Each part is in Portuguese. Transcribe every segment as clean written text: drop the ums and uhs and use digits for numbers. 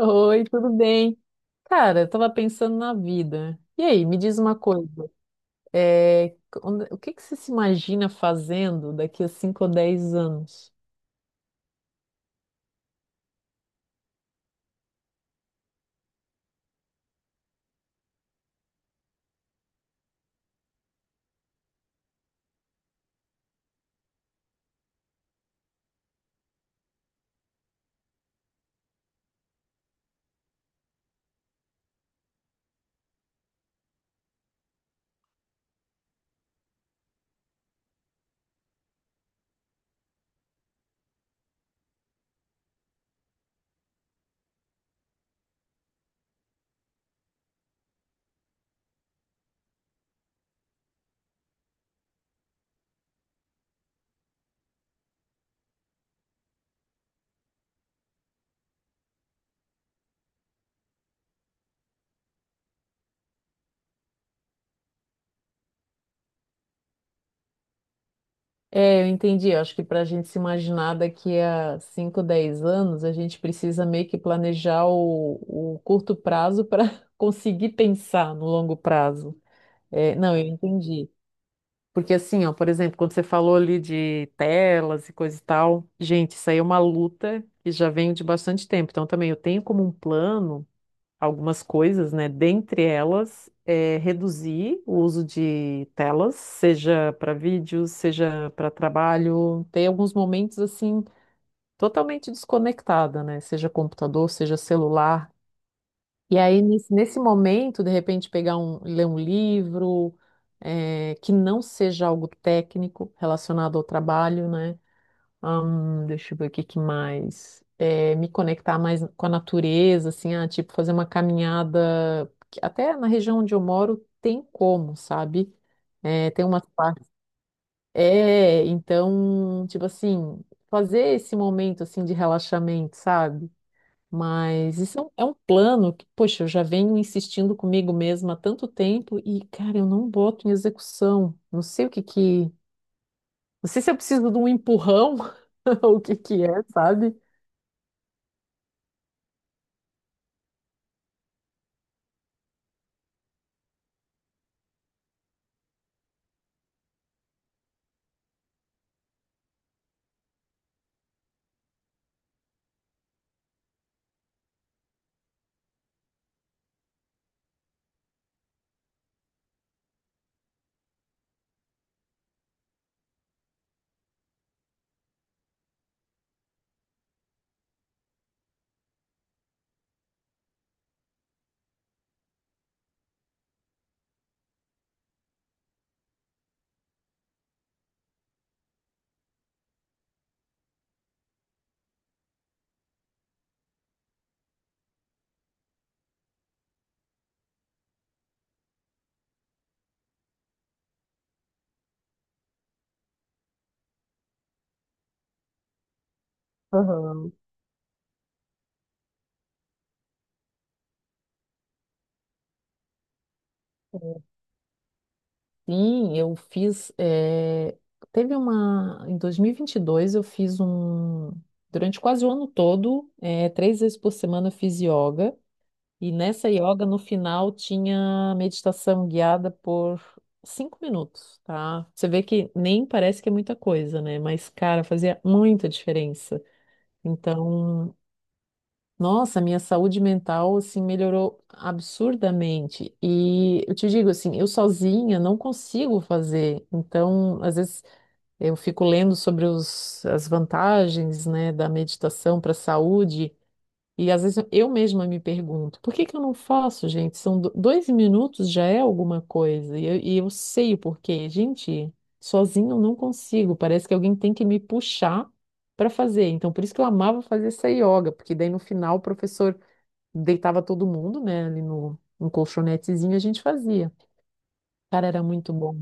Oi, tudo bem? Cara, eu tava pensando na vida. E aí, me diz uma coisa. é, Onde- o que que você se imagina fazendo daqui a 5 ou 10 anos? É, eu entendi. Eu Acho que para a gente se imaginar daqui a 5, 10 anos, a gente precisa meio que planejar o curto prazo para conseguir pensar no longo prazo. É, não, eu entendi. Porque assim, ó, por exemplo, quando você falou ali de telas e coisa e tal, gente, isso aí é uma luta que já vem de bastante tempo. Então também eu tenho como um plano algumas coisas, né? Dentre elas, é reduzir o uso de telas, seja para vídeos, seja para trabalho. Tem alguns momentos assim totalmente desconectada, né? Seja computador, seja celular. E aí, nesse momento, de repente, pegar um, ler um livro, que não seja algo técnico relacionado ao trabalho, né? Deixa eu ver o que que mais. Me conectar mais com a natureza, assim, ah, tipo, fazer uma caminhada, que até na região onde eu moro tem como, sabe? Tem umas partes. É, então, tipo assim, fazer esse momento, assim, de relaxamento, sabe? Mas isso é um plano que, poxa, eu já venho insistindo comigo mesma há tanto tempo e, cara, eu não boto em execução. Não sei o que que. Não sei se eu preciso de um empurrão ou o que que é, sabe? Aham. Sim, eu fiz. Teve uma. Em 2022, eu fiz um. Durante quase o ano todo, 3 vezes por semana, eu fiz yoga. E nessa yoga, no final, tinha meditação guiada por 5 minutos, tá? Você vê que nem parece que é muita coisa, né? Mas, cara, fazia muita diferença. Então, nossa, minha saúde mental, assim, melhorou absurdamente. E eu te digo, assim, eu sozinha não consigo fazer. Então, às vezes, eu fico lendo sobre as vantagens, né, da meditação para a saúde. E às vezes eu mesma me pergunto, por que que eu não faço, gente? São do- 2 minutos já é alguma coisa. E eu sei o porquê. Gente, sozinho eu não consigo. Parece que alguém tem que me puxar para fazer. Então, por isso que eu amava fazer essa yoga, porque daí no final o professor deitava todo mundo, né, ali no colchonetezinho e a gente fazia. Cara, era muito bom.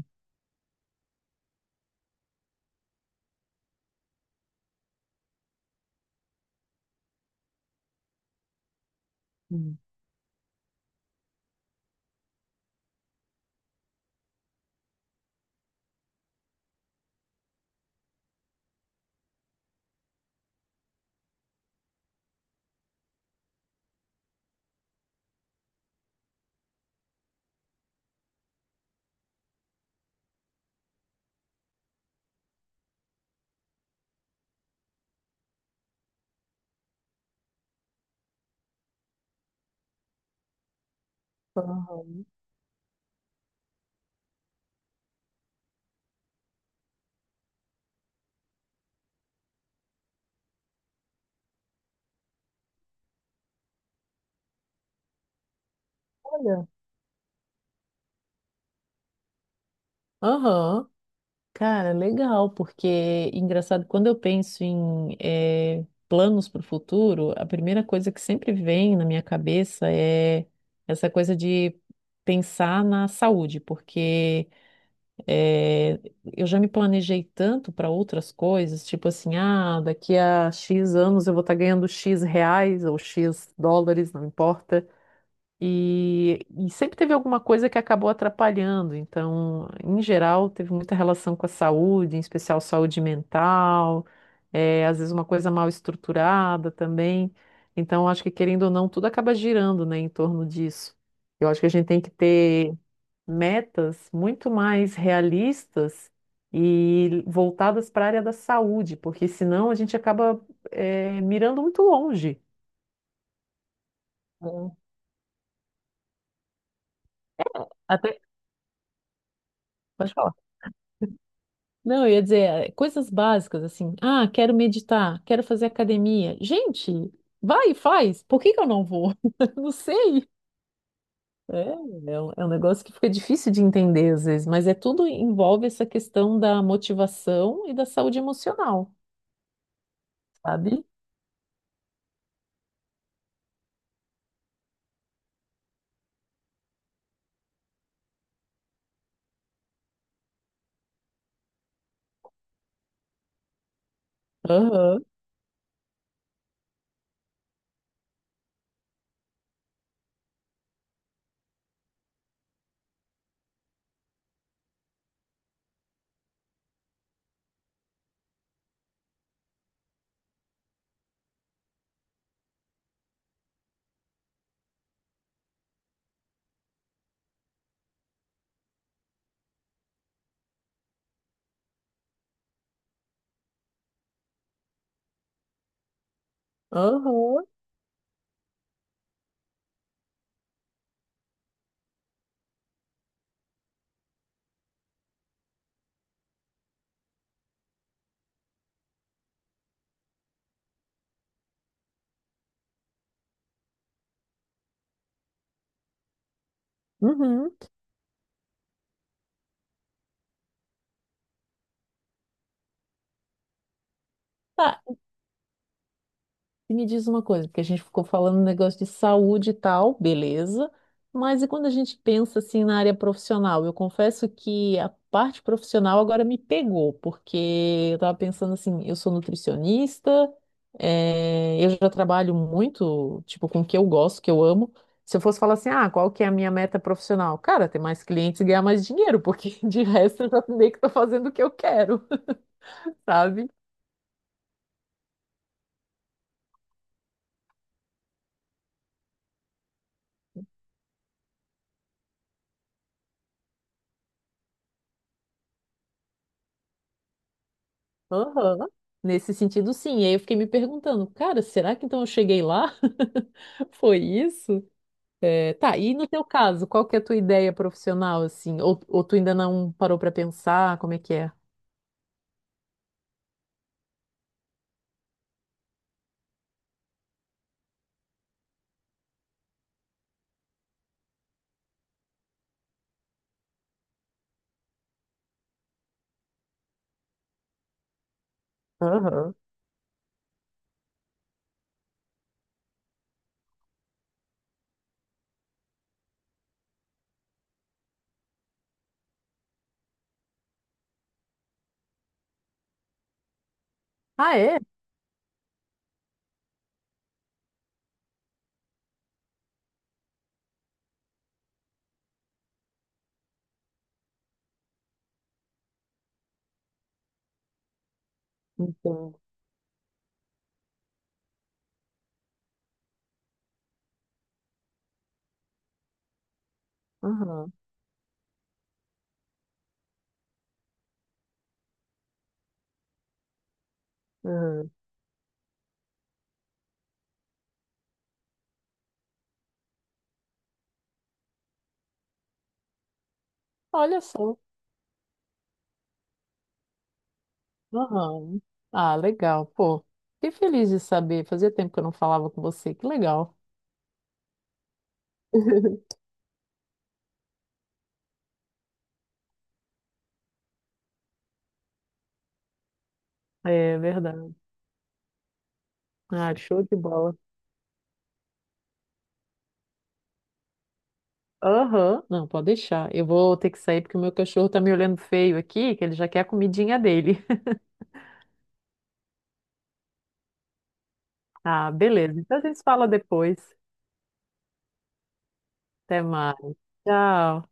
Hum. Aham. Olha. Aham. Cara, legal, porque engraçado, quando eu penso em planos para o futuro, a primeira coisa que sempre vem na minha cabeça é essa coisa de pensar na saúde, porque eh, eu já me planejei tanto para outras coisas, tipo assim, ah, daqui a X anos eu vou estar ganhando X reais ou X dólares, não importa. E sempre teve alguma coisa que acabou atrapalhando. Então, em geral, teve muita relação com a saúde, em especial saúde mental, às vezes uma coisa mal estruturada também. Então, acho que querendo ou não, tudo acaba girando, né, em torno disso. Eu acho que a gente tem que ter metas muito mais realistas e voltadas para a área da saúde, porque senão a gente acaba, mirando muito longe. Hum. Até, pode falar. Não, eu ia dizer, coisas básicas, assim. Ah, quero meditar, quero fazer academia. Gente, vai e faz. Por que que eu não vou? Não sei. É, é um negócio que fica difícil de entender às vezes, mas é tudo envolve essa questão da motivação e da saúde emocional, sabe? Aham, aham, uhum. Tá, e me diz uma coisa, porque a gente ficou falando negócio de saúde e tal, beleza, mas e quando a gente pensa assim na área profissional? Eu confesso que a parte profissional agora me pegou, porque eu estava pensando assim, eu sou nutricionista, eu já trabalho muito, tipo, com o que eu gosto, que eu amo. Se eu fosse falar assim, ah, qual que é a minha meta profissional? Cara, ter mais clientes e ganhar mais dinheiro, porque de resto eu já meio que estou fazendo o que eu quero, sabe? Aham. Nesse sentido, sim. E aí eu fiquei me perguntando, cara, será que então eu cheguei lá? Foi isso? É, tá, e no teu caso, qual que é a tua ideia profissional, assim? Ou tu ainda não parou pra pensar como é que é? Aham. Ah, é? Entendo. Aham. Aham. Olha só. Aham. Ah, legal. Pô, fiquei feliz de saber. Fazia tempo que eu não falava com você. Que legal. É verdade. Ah, show de bola. Aham, não, pode deixar. Eu vou ter que sair porque o meu cachorro tá me olhando feio aqui, que ele já quer a comidinha dele. Ah, beleza. Então a gente se fala depois. Até mais. Tchau.